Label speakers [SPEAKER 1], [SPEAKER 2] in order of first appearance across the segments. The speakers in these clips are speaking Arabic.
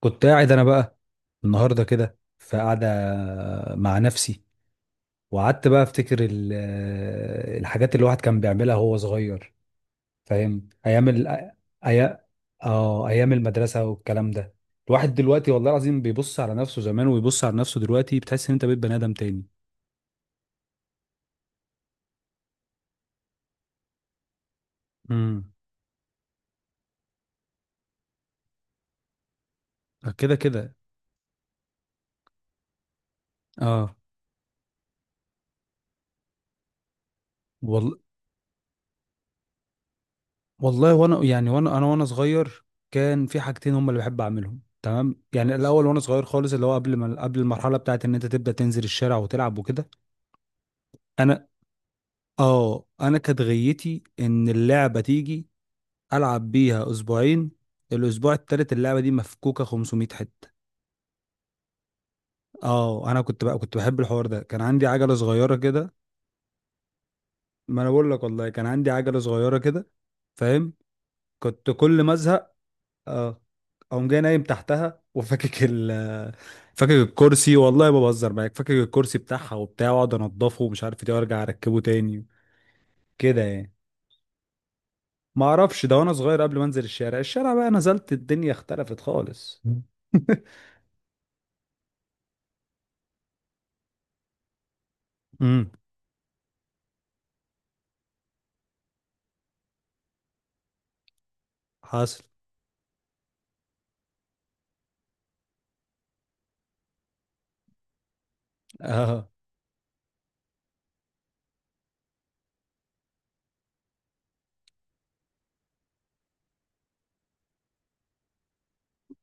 [SPEAKER 1] كنت قاعد انا بقى النهارده كده في قعده مع نفسي, وقعدت بقى افتكر الحاجات اللي الواحد كان بيعملها وهو صغير. فاهم ايام ال أي... اه ايام المدرسه والكلام ده. الواحد دلوقتي والله العظيم بيبص على نفسه زمان ويبص على نفسه دلوقتي, بتحس ان انت بقيت بني ادم تاني. امم. كده كده. اه. والله والله وانا يعني وانا صغير كان في حاجتين هم اللي بحب اعملهم, تمام. يعني الاول وانا صغير خالص اللي هو قبل ما قبل المرحله بتاعت ان انت تبدا تنزل الشارع وتلعب وكده. انا. اه انا كانت غيتي ان اللعبه تيجي العب بيها اسبوعين, الاسبوع التالت اللعبه دي مفكوكه 500 حته. اه انا كنت بقى كنت بحب الحوار ده, كان عندي عجله صغيره كده. ما انا بقول لك والله كان عندي عجله صغيره كده, فاهم. كنت كل ما ازهق اه اقوم جاي نايم تحتها وفكك فكك الكرسي, والله ما بهزر معاك, فكك الكرسي بتاعها وبتاع واقعد انضفه ومش عارف ايه وارجع اركبه تاني, كده يعني. ما اعرفش ده وانا صغير قبل ما انزل الشارع بقى نزلت الدنيا اختلفت خالص. امم. حصل. اه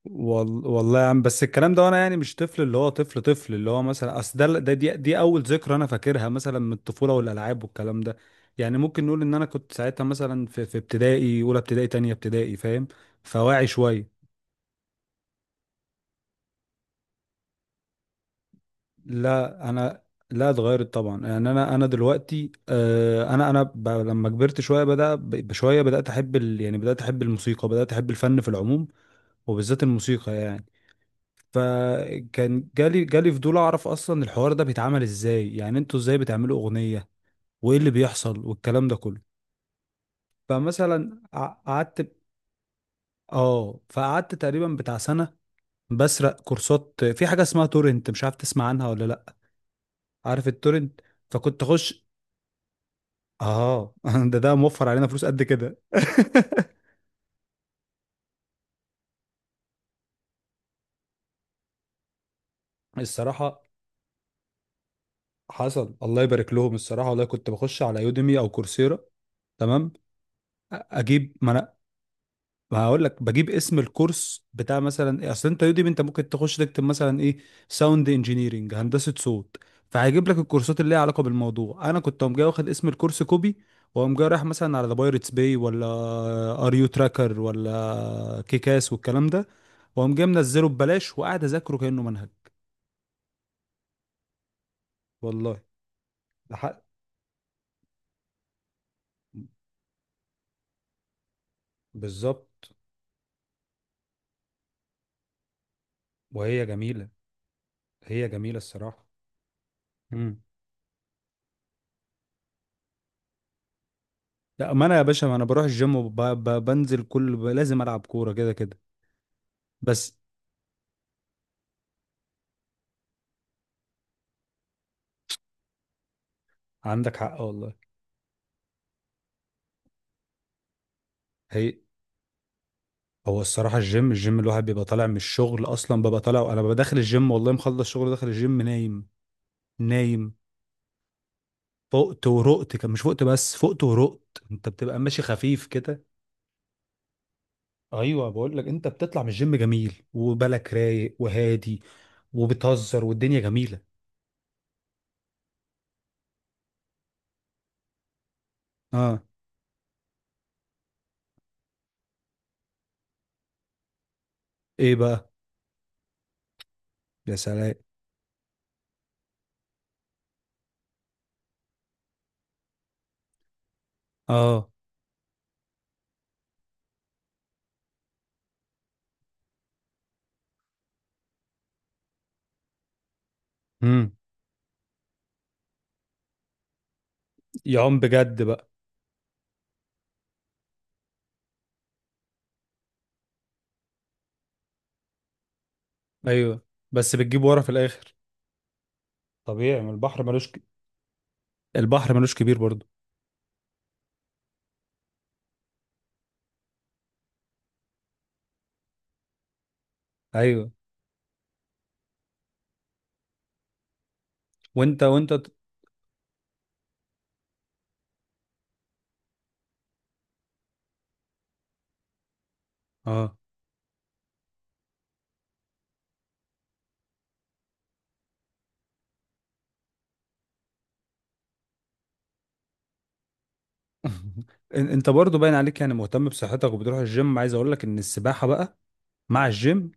[SPEAKER 1] والله يا عم, بس الكلام ده وانا يعني مش طفل, اللي هو طفل طفل اللي هو مثلا, اصل دي اول ذكرى انا فاكرها مثلا من الطفوله والالعاب والكلام ده. يعني ممكن نقول ان انا كنت ساعتها مثلا في ابتدائي, اولى ابتدائي تانية ابتدائي, فاهم, فواعي شويه. لا انا. لا اتغيرت طبعا, يعني انا دلوقتي لما كبرت شويه بشويه بدات احب يعني بدات احب الموسيقى بدات احب الفن في العموم, وبالذات الموسيقى يعني. فكان جالي فضول اعرف اصلا الحوار ده بيتعمل ازاي, يعني انتوا ازاي بتعملوا اغنية, وايه اللي بيحصل والكلام ده كله. فمثلا قعدت, اه فقعدت تقريبا بتاع سنة بسرق كورسات في حاجة اسمها تورنت, مش عارف تسمع عنها ولا لا. عارف التورنت. فكنت اخش. اه. ده موفر علينا فلوس قد كده. الصراحة. حصل الله يبارك لهم الصراحة, والله كنت بخش على يوديمي او كورسيرا, تمام. اجيب. ما هقول لك بجيب اسم الكورس بتاع مثلا ايه, اصل انت يوديمي انت ممكن تخش تكتب مثلا ايه, ساوند انجينيرنج, هندسه صوت. فهيجيب لك الكورسات اللي ليها علاقه بالموضوع. انا كنت قوم جاي واخد اسم الكورس كوبي, واقوم جاي رايح مثلا على ذا بايرتس باي ولا ار يو تراكر ولا كيكاس والكلام ده, واقوم جاي منزله ببلاش وقاعد اذاكره كانه منهج. والله. ده حق. بالظبط. وهي جميله. هي جميله الصراحه. امم. لا, ما انا يا باشا ما انا بروح الجيم وبنزل كل لازم العب كوره كده كده, بس. عندك حق والله. هي. هو الصراحة الجيم الواحد بيبقى طالع من الشغل أصلا, ببقى طالع, أنا ببقى داخل الجيم, والله مخلص شغل داخل الجيم نايم. نايم. فقت ورقت, كان مش فقت بس فقت ورقت, أنت بتبقى ماشي خفيف كده. أيوة بقول لك أنت بتطلع من الجيم جميل وبالك رايق وهادي, وبتهزر والدنيا جميلة. أه. إيه بقى. يا سلام. أه. امم. يعوم بجد بقى. أيوة, بس بتجيب ورا في الآخر. طبيعي, ما البحر البحر ملوش كبير برضه. ايوه. وانت وانت ت- اه انت برضو باين عليك يعني مهتم بصحتك وبتروح الجيم, عايز اقول لك ان السباحه بقى مع الجيم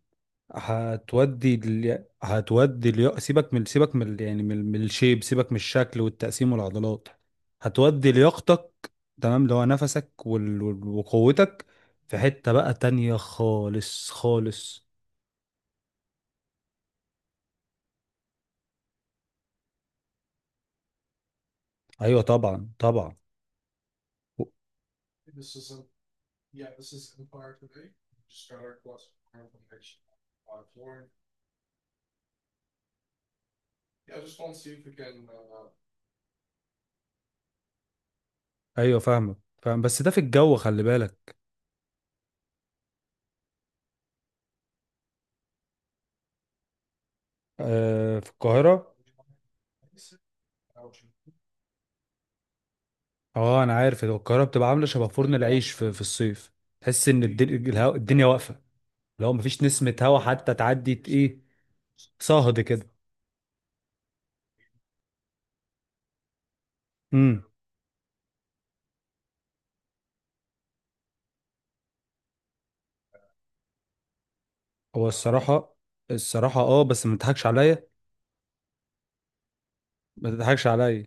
[SPEAKER 1] سيبك من يعني من الشيب, سيبك من الشكل والتقسيم والعضلات. هتودي لياقتك, تمام, اللي هو نفسك وقوتك, في حته بقى تانية خالص خالص. ايوه طبعا طبعا. ايوه فاهمك. فاهم, بس ده في الجو, خلي بالك. آه في القاهره. اه انا عارف, هو القاهره بتبقى عامله شبه فرن العيش في الصيف, تحس ان الدنيا واقفه, لو مفيش نسمه هوا حتى تعدي ايه, صهد كده. امم. هو الصراحه. الصراحه, اه, بس ما تضحكش عليا. ما تضحكش عليا.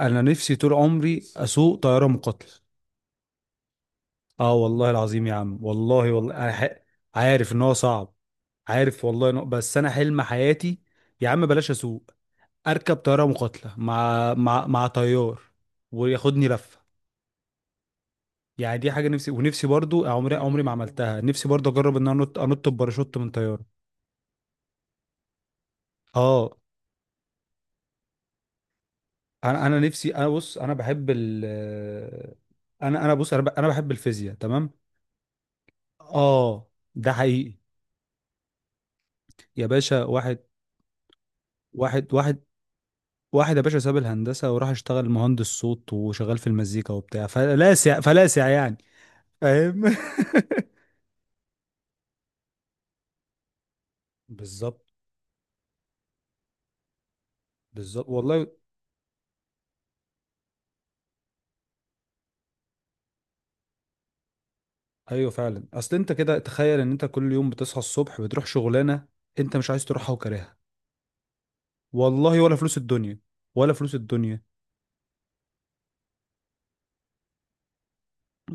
[SPEAKER 1] انا نفسي طول عمري اسوق طياره مقاتله. اه والله العظيم يا عم, والله والله أنا عارف ان هو صعب. عارف والله بس انا حلم حياتي. يا عم بلاش اسوق, اركب طياره مقاتله مع طيار وياخدني لفه, يعني دي حاجه نفسي. ونفسي برضو عمري عمري ما عملتها, نفسي برضو اجرب ان انا انط بباراشوت من طياره. اه. انا نفسي انا بص انا بحب الفيزياء, تمام. اه, ده حقيقي. يا باشا واحد واحد واحد يا باشا ساب الهندسه وراح اشتغل مهندس صوت وشغال في المزيكا وبتاع فلاسع فلاسع يعني, فاهم. بالظبط, بالظبط والله. ايوه فعلا, اصل انت كده تخيل ان انت كل يوم بتصحى الصبح بتروح شغلانه انت مش عايز تروحها وكارهها والله, ولا فلوس الدنيا. ولا فلوس الدنيا.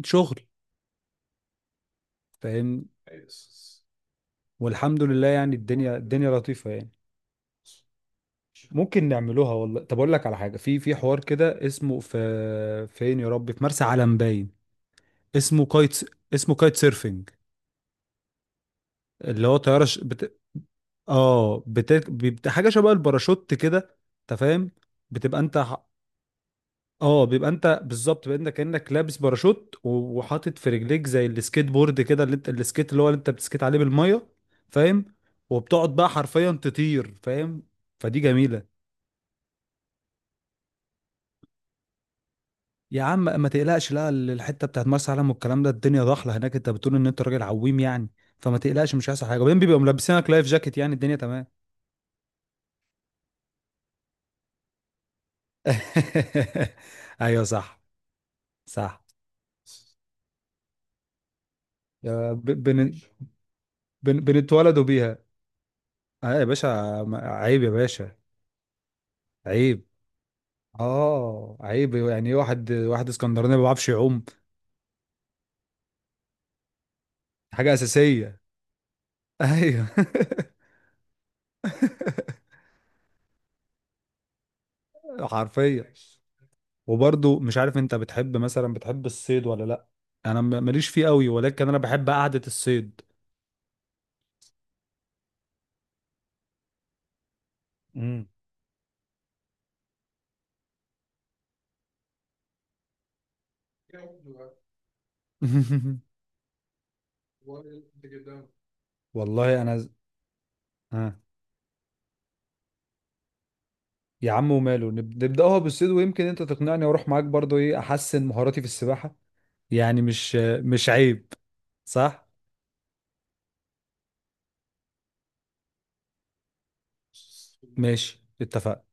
[SPEAKER 1] شغل. فاهم. والحمد لله يعني, الدنيا الدنيا لطيفه يعني. ممكن نعملوها والله. طب اقول لك على حاجه, في حوار كده اسمه, في فين يا ربي, في مرسى علم باين, اسمه كايت اسمه كايت سيرفنج, اللي هو طياره ش... بت... اه بت... بت... حاجه شبه الباراشوت كده, انت فاهم, بتبقى اه بيبقى انت بالظبط بانك كانك لابس باراشوت, و- وحاطط في رجليك زي السكيت بورد كده اللي انت السكيت اللي هو اللي انت بتسكيت عليه بالميه, فاهم. وبتقعد بقى حرفيا تطير, فاهم. فدي جميله. يا عم ما تقلقش, لا الحته بتاعت مرسى علم والكلام ده الدنيا ضحله هناك, انت بتقول ان انت راجل عويم يعني, فما تقلقش مش هيحصل حاجه, وبعدين بيبقوا ملبسينك لايف جاكيت يعني الدنيا تمام. ايوه صح. صح. يا ب- بن بن بنتولدوا بيها. اه يا باشا. عيب يا باشا. عيب. اه, عيب, يعني ايه واحد, واحد اسكندراني ما بيعرفش يعوم, حاجه اساسيه. ايوه. حرفيا. وبرضو مش عارف انت بتحب مثلا بتحب الصيد ولا لا, انا ماليش فيه قوي, ولكن انا بحب قعده الصيد. امم. والله ها يا عم وماله, نبداها بالصيد ويمكن انت تقنعني واروح معاك برضو, ايه احسن مهاراتي في السباحه يعني, مش عيب. صح. ماشي اتفقنا.